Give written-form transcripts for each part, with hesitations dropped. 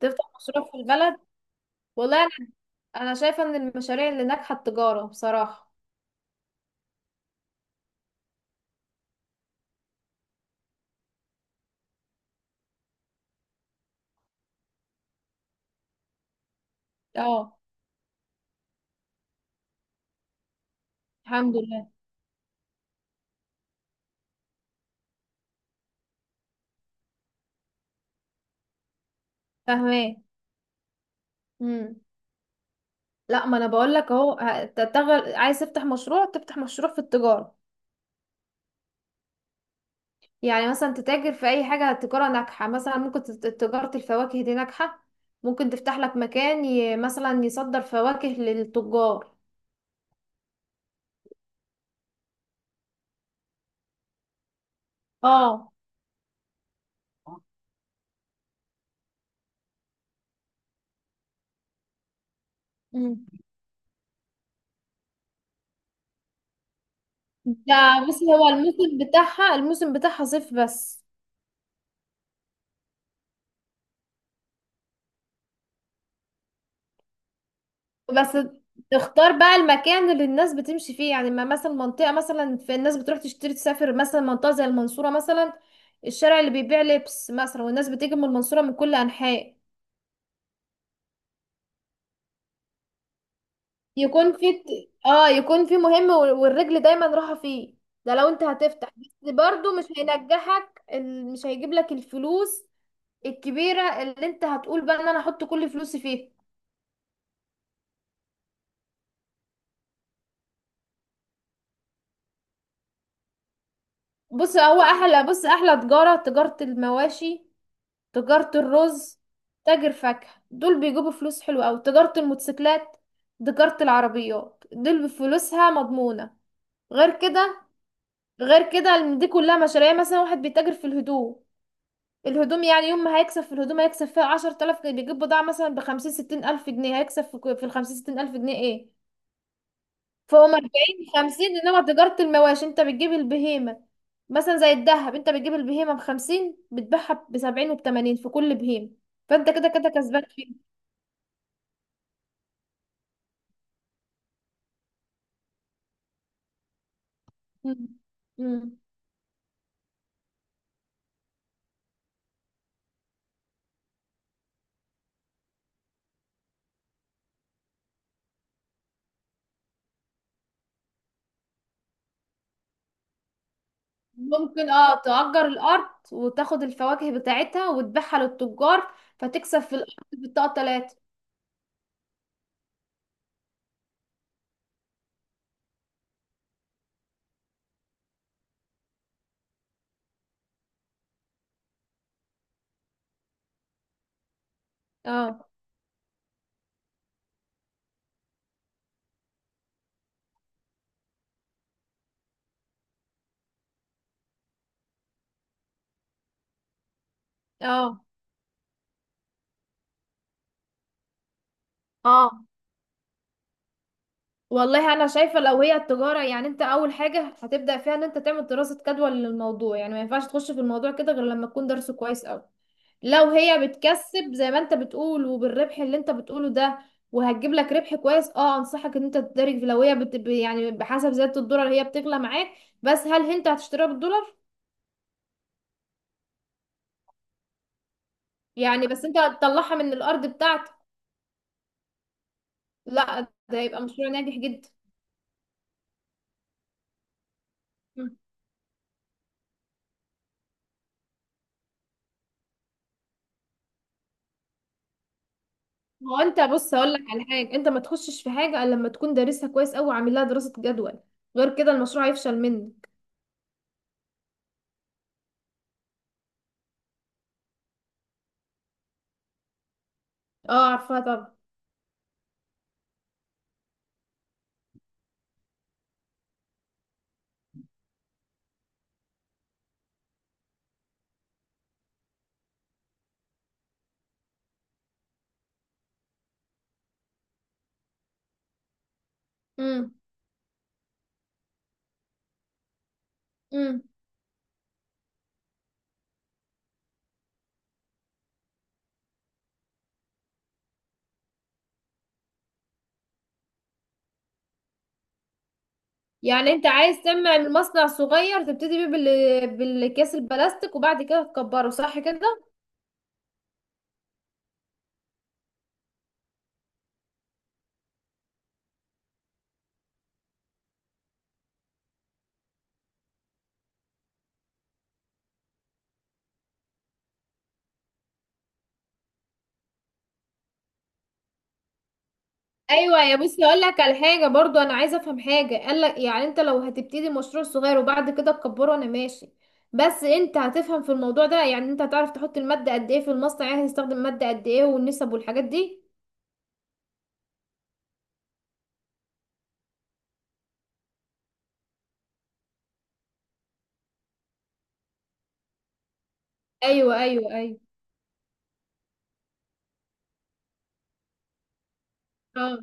تفتح مشروع في البلد. والله انا شايفه ان المشاريع اللي ناجحه التجاره بصراحه. اه، الحمد لله. فاهماه. امم. لا، ما انا بقول لك اهو. عايز تفتح مشروع في التجاره. يعني مثلا تتاجر في اي حاجه تجاره ناجحه، مثلا ممكن تجاره الفواكه دي ناجحه. ممكن تفتح لك مكان مثلا يصدر فواكه للتجار. اه. امم. ده بص، هو الموسم بتاعها صيف بس. بس تختار بقى المكان اللي الناس بتمشي فيه، يعني ما مثلا منطقة، مثلا في الناس بتروح تشتري تسافر، مثلا منطقة زي المنصورة. مثلا الشارع اللي بيبيع لبس، مثلا والناس بتيجي من المنصورة من كل أنحاء. يكون في اه يكون في مهم، والرجل دايما راحة فيه. ده لو انت هتفتح بس برضو مش هينجحك، مش هيجيب لك الفلوس الكبيرة اللي انت هتقول بقى ان انا احط كل فلوسي فيها. بص احلى تجارة المواشي. تجارة الرز. تاجر فاكهة دول بيجيبوا فلوس حلوة أوي. تجارة الموتوسيكلات. تجارة العربيات دول بفلوسها مضمونة. غير كده، إن دي كلها مشاريع. يعني مثلا واحد بيتاجر في الهدوم، الهدوم، يعني يوم ما هيكسب في الهدوم هيكسب فيها 10 آلاف جنيه. بيجيب بضاعة مثلا بخمسين ستين ألف جنيه، هيكسب في الخمسين ستين ألف جنيه ايه، فوق أربعين خمسين. إنما تجارة المواشي أنت بتجيب البهيمة، مثلا زي الدهب. أنت بتجيب البهيمة بخمسين بتبيعها بسبعين وبتمانين في كل بهيمة، فأنت كده كده كسبان. مم. مم. ممكن، تأجر الأرض وتاخد الفواكه بتاعتها وتبيعها للتجار فتكسب في الأرض بالطاقة تلاتة. اه، اه، اه، والله أنا شايفة لو هي التجارة، يعني أنت أول حاجة هتبدأ فيها إن أنت تعمل دراسة جدوى للموضوع. يعني ما ينفعش تخش في الموضوع كده غير لما تكون درسه كويس أوي. لو هي بتكسب زي ما أنت بتقول وبالربح اللي أنت بتقوله ده وهتجيب لك ربح كويس، انصحك ان انت تدرج. لو هي يعني بحسب زيادة الدولار هي بتغلى معاك. بس هل انت هتشتريها بالدولار؟ يعني بس انت هتطلعها من الارض بتاعتك. لا، ده هيبقى مشروع ناجح جدا. مم. هو انت بص هقول لك على حاجه، انت ما تخشش في حاجه الا لما تكون دارسها كويس قوي وعامل لها دراسه جدول. غير كده المشروع هيفشل منك. اه، عارفاها طبعا. امم. امم. يعني انت عايز تعمل مصنع صغير تبتدي بيه بالاكياس البلاستيك وبعد كده تكبره، صح كده؟ ايوه يا، بس اقول لك على حاجه برضو. انا عايزه افهم حاجه قال لك، يعني انت لو هتبتدي مشروع صغير وبعد كده تكبره انا ماشي، بس انت هتفهم في الموضوع ده؟ يعني انت هتعرف تحط الماده قد ايه في المصنع، يعني هتستخدم ماده قد ايه والنسب والحاجات دي. ايوه، ايوه، ايوه. اه.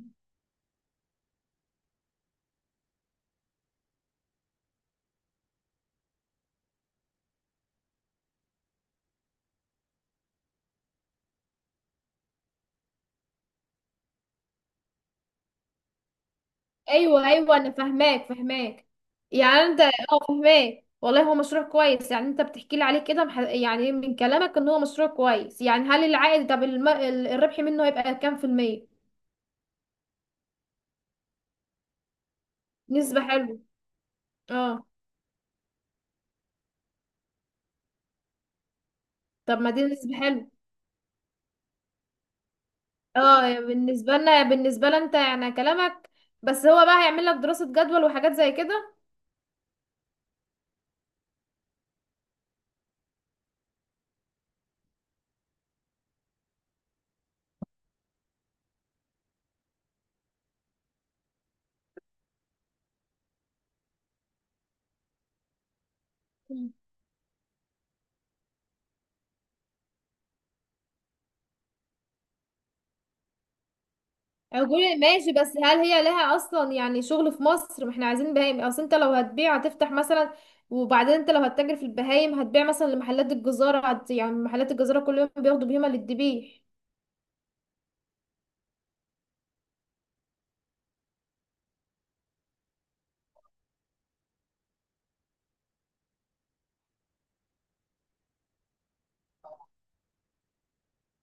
ايوه، ايوه، انا فاهماك فاهماك، يعني انت، اه، فاهماك. والله هو مشروع كويس، يعني انت بتحكي لي عليه كده، يعني من كلامك ان هو مشروع كويس. يعني هل العائد، طب الربح منه هيبقى كام في المية؟ نسبة حلوة. اه طب ما دي بالنسبة حلو. اه، بالنسبة لنا، انت يعني كلامك. بس هو بقى هيعمل لك دراسة جدول وحاجات زي كده. مم. اقول ماشي، بس هل هي لها اصلا يعني شغل في مصر؟ ما احنا عايزين بهايم، اصل انت لو هتبيع هتفتح مثلا. وبعدين انت لو هتتاجر في البهايم هتبيع مثلا لمحلات الجزارة، يعني محلات الجزارة كل يوم بياخدوا بهيمة للذبيح.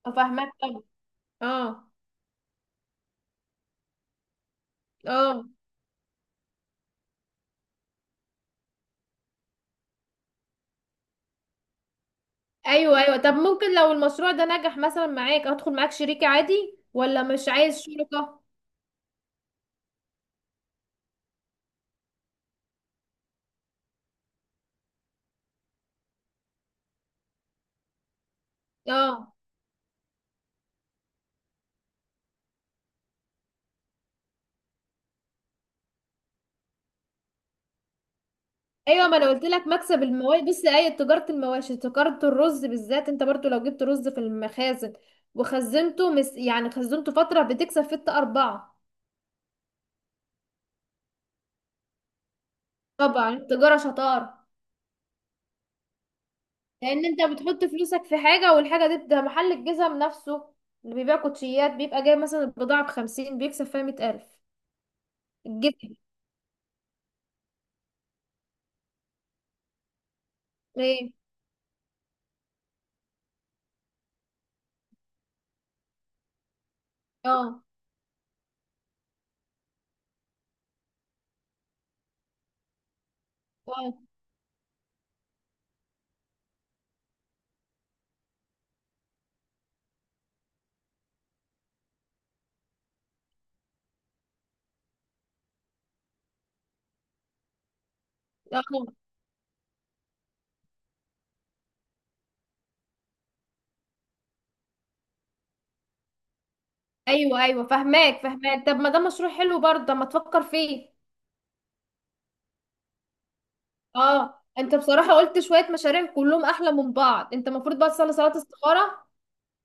افهمك طبعا. اه، اه، ايوه، ايوه. طب ممكن لو المشروع ده نجح مثلا معاك ادخل معاك شريك عادي، ولا مش عايز شركة؟ اه، ايوه، ما انا قلت لك مكسب المواشي. بص، اي تجاره المواشي تجاره الرز بالذات. انت برضو لو جبت رز في المخازن وخزنته، يعني خزنته فتره بتكسب في اربعه. طبعا التجاره شطاره، لان انت بتحط فلوسك في حاجه، والحاجه دي، ده محل الجزم نفسه اللي بيبيع كوتشيات بيبقى جايب مثلا البضاعه بخمسين بيكسب فيها 100 ألف. الجزم ايه. اه، اه. آه. آه. ايوه، ايوه، فهماك فهماك. طب ما ده مشروع حلو برضه، طب ما تفكر فيه. اه، انت بصراحة قلت شوية مشاريع كلهم احلى من بعض. انت المفروض بقى تصلي صلاة استخارة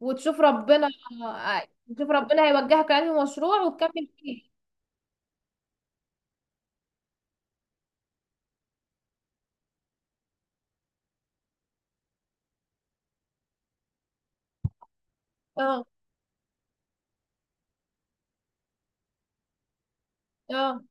وتشوف ربنا. آه، تشوف ربنا هيوجهك لأنهي مشروع وتكمل فيه. اه، اه،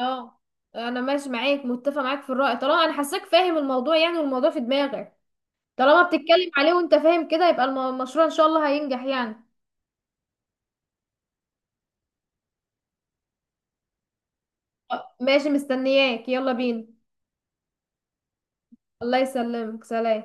اه، انا ماشي معاك متفق معاك في الرأي. طالما انا حاساك فاهم الموضوع، يعني والموضوع في دماغك، طالما بتتكلم عليه وانت فاهم كده، يبقى المشروع ان شاء الله هينجح يعني. آه، ماشي، مستنياك يلا بينا. الله يسلمك، سلام.